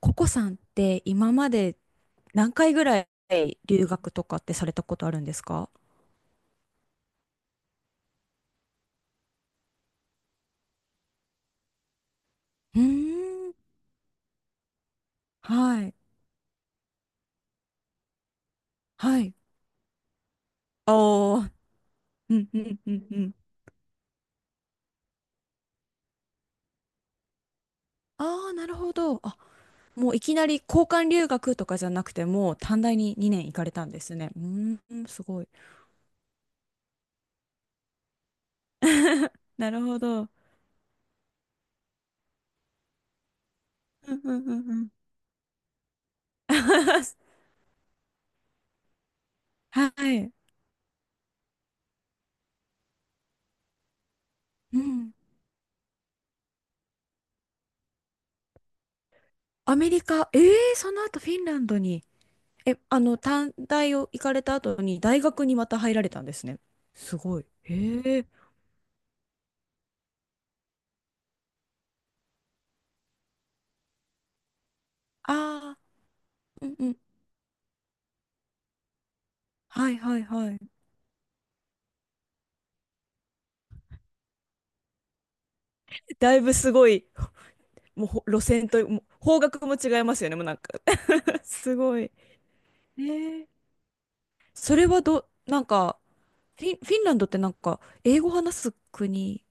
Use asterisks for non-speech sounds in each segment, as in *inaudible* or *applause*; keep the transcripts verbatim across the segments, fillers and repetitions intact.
ココさんって今まで何回ぐらい留学とかってされたことあるんですか？うーん、はい、はい。ああ、うんうんうんうん。ああ、なるほど。あ、もういきなり交換留学とかじゃなくて、もう短大ににねん行かれたんですね。うーん、すごい。*laughs* なるほど。うんうんうんうん。*laughs* はい。うん。アメリカ、ええー、その後フィンランドに。え、あの、短大を行かれた後に大学にまた入られたんですね。すごい。へえ。ああ、うんうん。はいはいはい。*laughs* だいぶすごい、もうほ路線と、もう方角も違いますよね、もうなんか。 *laughs* すごい。へえ。それはど、なんか、フィン、フィンランドってなんか、英語話す国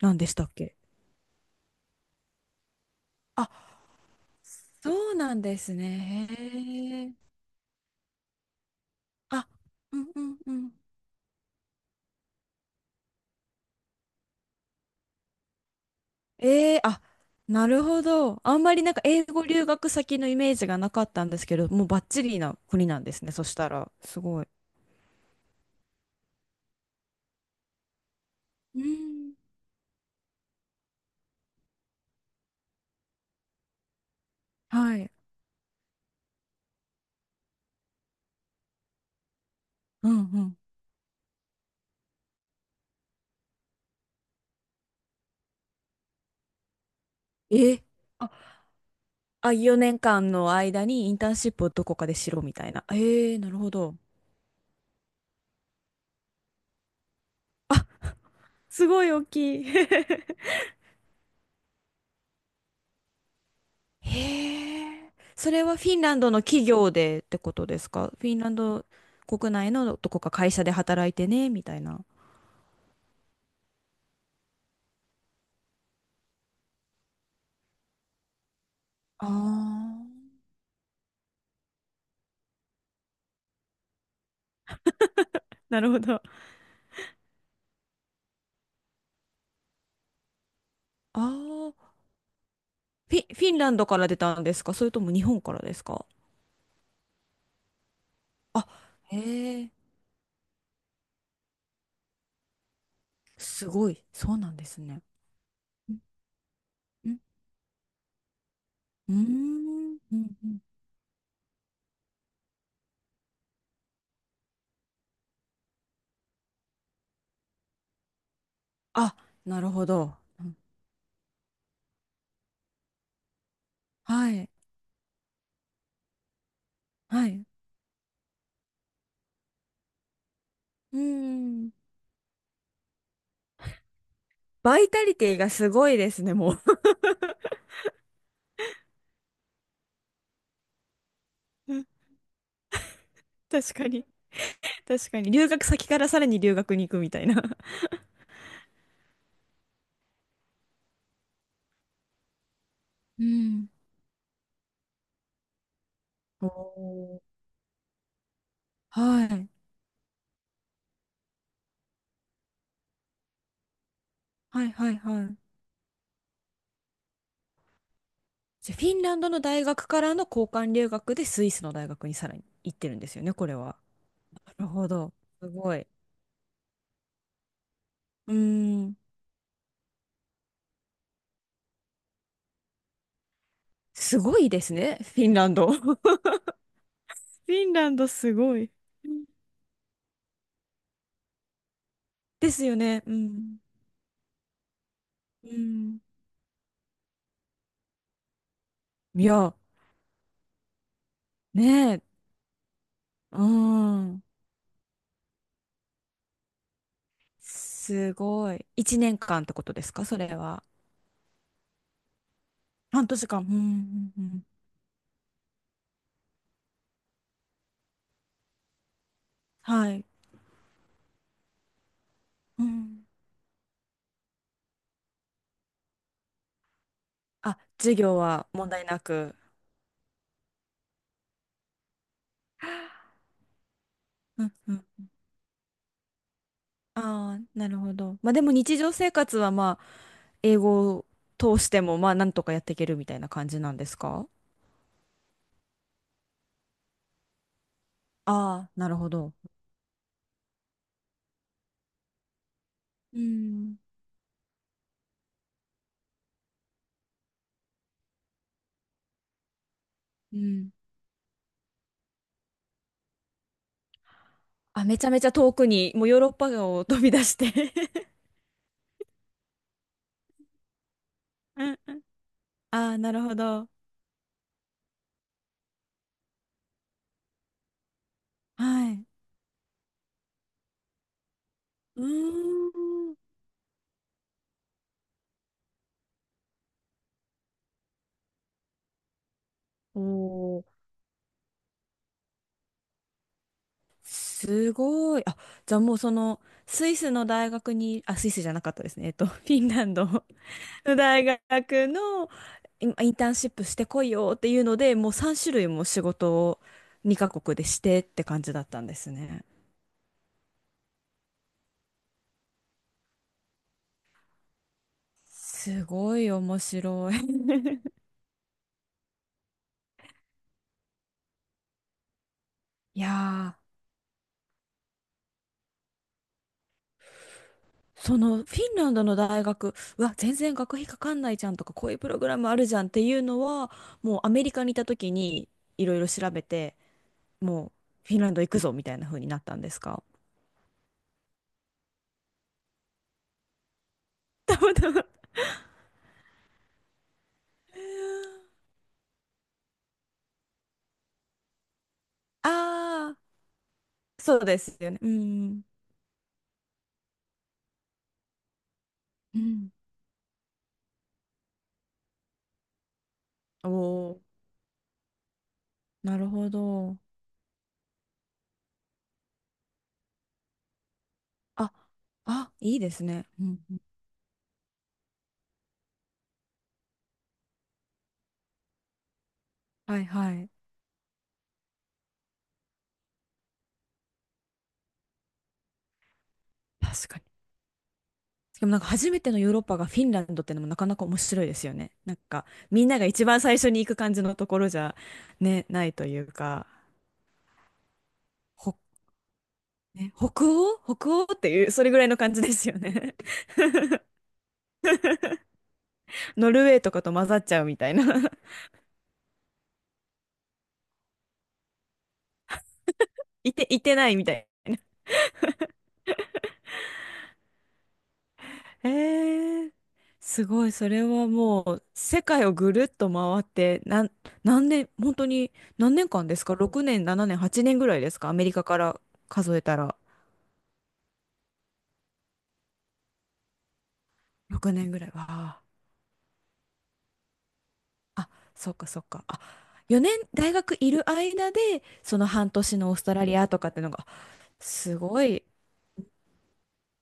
なんでしたっけ？あ、そうなんですね。へえ。あ、うんうんうん。えー、あ、なるほど。あんまりなんか英語留学先のイメージがなかったんですけど、もうバッチリな国なんですね。そしたら、すごい。うん。はい。うんうん。えー、あ、あ、よねんかんの間にインターンシップをどこかでしろみたいな。えー、なるほど。すごい大きい。*laughs* へえ。それはフィンランドの企業でってことですか？フィンランド国内のどこか会社で働いてね、みたいな。ああ。なるほど。ああ。フィ、フィンランドから出たんですか？それとも日本からですか？あ、へえ、すごい。そうなんですね。うんうんうんうんうん、あ、なるほど。うん、はい。はい。うん。バイタリティがすごいですね、もう。*laughs* うん、確かに。確かに。留学先からさらに留学に行くみたいな。うん。おー、はい。はいはいはい。じゃあ、フィンランドの大学からの交換留学でスイスの大学にさらに行ってるんですよね、これは。なるほど。すごい。うーん。すごいですね、フィンランド。*laughs* フィンランドすごい。ですよね。うん。うん。いや、ねえ。うん。すごい。一年間ってことですか、それは。半年間。うん、うん、うん。はい。うん。あ、授業は問題なく。うん、うん。ああ、なるほど。まあでも日常生活はまあ、英語を通してもまあ、なんとかやっていけるみたいな感じなんですか？ああー、なるほど。うん。うん。あ、めちゃめちゃ遠くに、もうヨーロッパを飛び出して。 *laughs* うんうん。 *laughs* あー、なるほど。はい。うーん。おお、すごい。あ、じゃあもうその、スイスの大学に、あ、スイスじゃなかったですね。えっと、*laughs* フィンランド *laughs* の大学のイインターンシップしてこいよっていうので、もうさん種類も仕事をにカ国でしてって感じだったんですね。すごい面白い。*laughs* いやー、そのフィンランドの大学、うわ、全然学費かかんないじゃんとか、こういうプログラムあるじゃんっていうのは、もうアメリカにいた時にいろいろ調べて、もうフィンランド行くぞみたいな風になったんですか？たまたま。ああ、そうですよね。うん。うん。おお、なるほど。あ、あ、いいですね。うんうん。はいはい。確かに、でもなんか初めてのヨーロッパがフィンランドってのもなかなか面白いですよね。なんかみんなが一番最初に行く感じのところじゃ、ね、ないというか、ほ、ね、北欧北欧っていう、それぐらいの感じですよね。*laughs* ノルウェーとかと混ざっちゃうみたいな。*laughs* いて、いてないみたいな。えー、すごい、それはもう世界をぐるっと回って、なん、何年、本当に何年間ですか？ ろく 年、ななねん、はちねんぐらいですか、アメリカから数えたら。ろくねんぐらい。わあ、あ、そっかそっか。あ、よねん大学いる間で、その半年のオーストラリアとかってのが、すごい。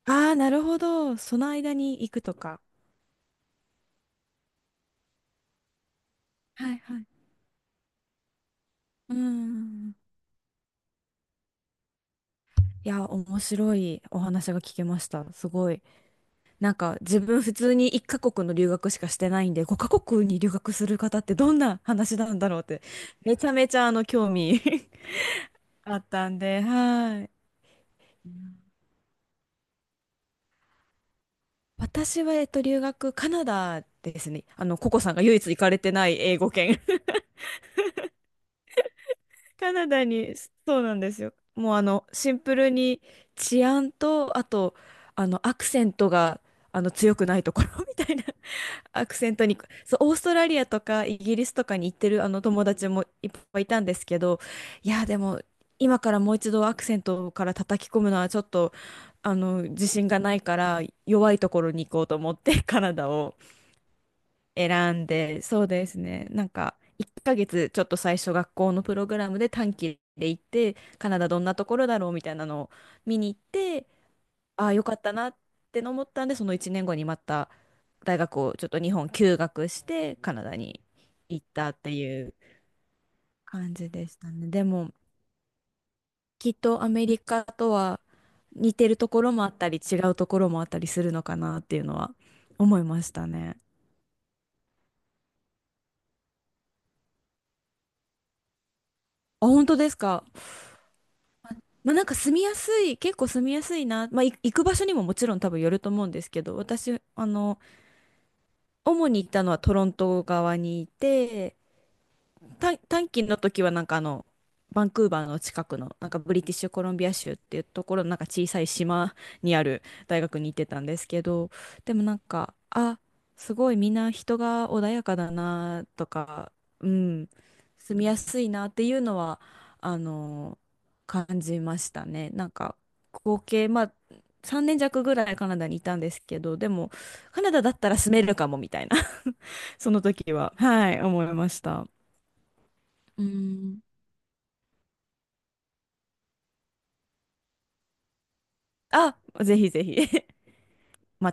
ああ、なるほど。その間に行くとか。はいはい。うん。いや、面白いお話が聞けました。すごい。なんか、自分普通にいっカ国の留学しかしてないんで、ごカ国に留学する方ってどんな話なんだろうって、めちゃめちゃあの、興味 *laughs* あったんで、はい。私は、えっと、留学、カナダですね。あの、ココさんが唯一行かれてない英語圏。*laughs* カナダに、そうなんですよ。もう、あの、シンプルに治安と、あと、あの、アクセントが、あの、強くないところ *laughs* みたいな。 *laughs* アクセントに、そう、オーストラリアとかイギリスとかに行ってる、あの、友達もいっぱいいたんですけど、いや、でも、今からもう一度アクセントから叩き込むのはちょっと、あの、自信がないから、弱いところに行こうと思って、カナダを。選んで、そうですね。なんか、いっかげつちょっと最初学校のプログラムで短期で行って、カナダどんなところだろうみたいなのを見に行って、ああ、よかったなって思ったんで、そのいちねんごにまた大学をちょっと日本休学して、カナダに行ったっていう感じでしたね。でも、きっとアメリカとは似てるところもあったり、違うところもあったりするのかなっていうのは思いましたね。あ、本当ですか？まあなんか住みやすい、結構住みやすいな。まあい行く場所にももちろん多分よると思うんですけど、私、あの、主に行ったのはトロント側にいて、短短期の時はなんかあのバンクーバーの近くのなんかブリティッシュコロンビア州っていうところのなんか小さい島にある大学に行ってたんですけど、でもなんか、あ、すごいみんな人が穏やかだなとか、うん、住みやすいなっていうのはあの感じましたね。なんか合計まあさんねん弱ぐらいカナダにいたんですけど、でもカナダだったら住めるかもみたいな。 *laughs* その時ははい思いました。うん、あ、ぜひぜひ。*laughs* ま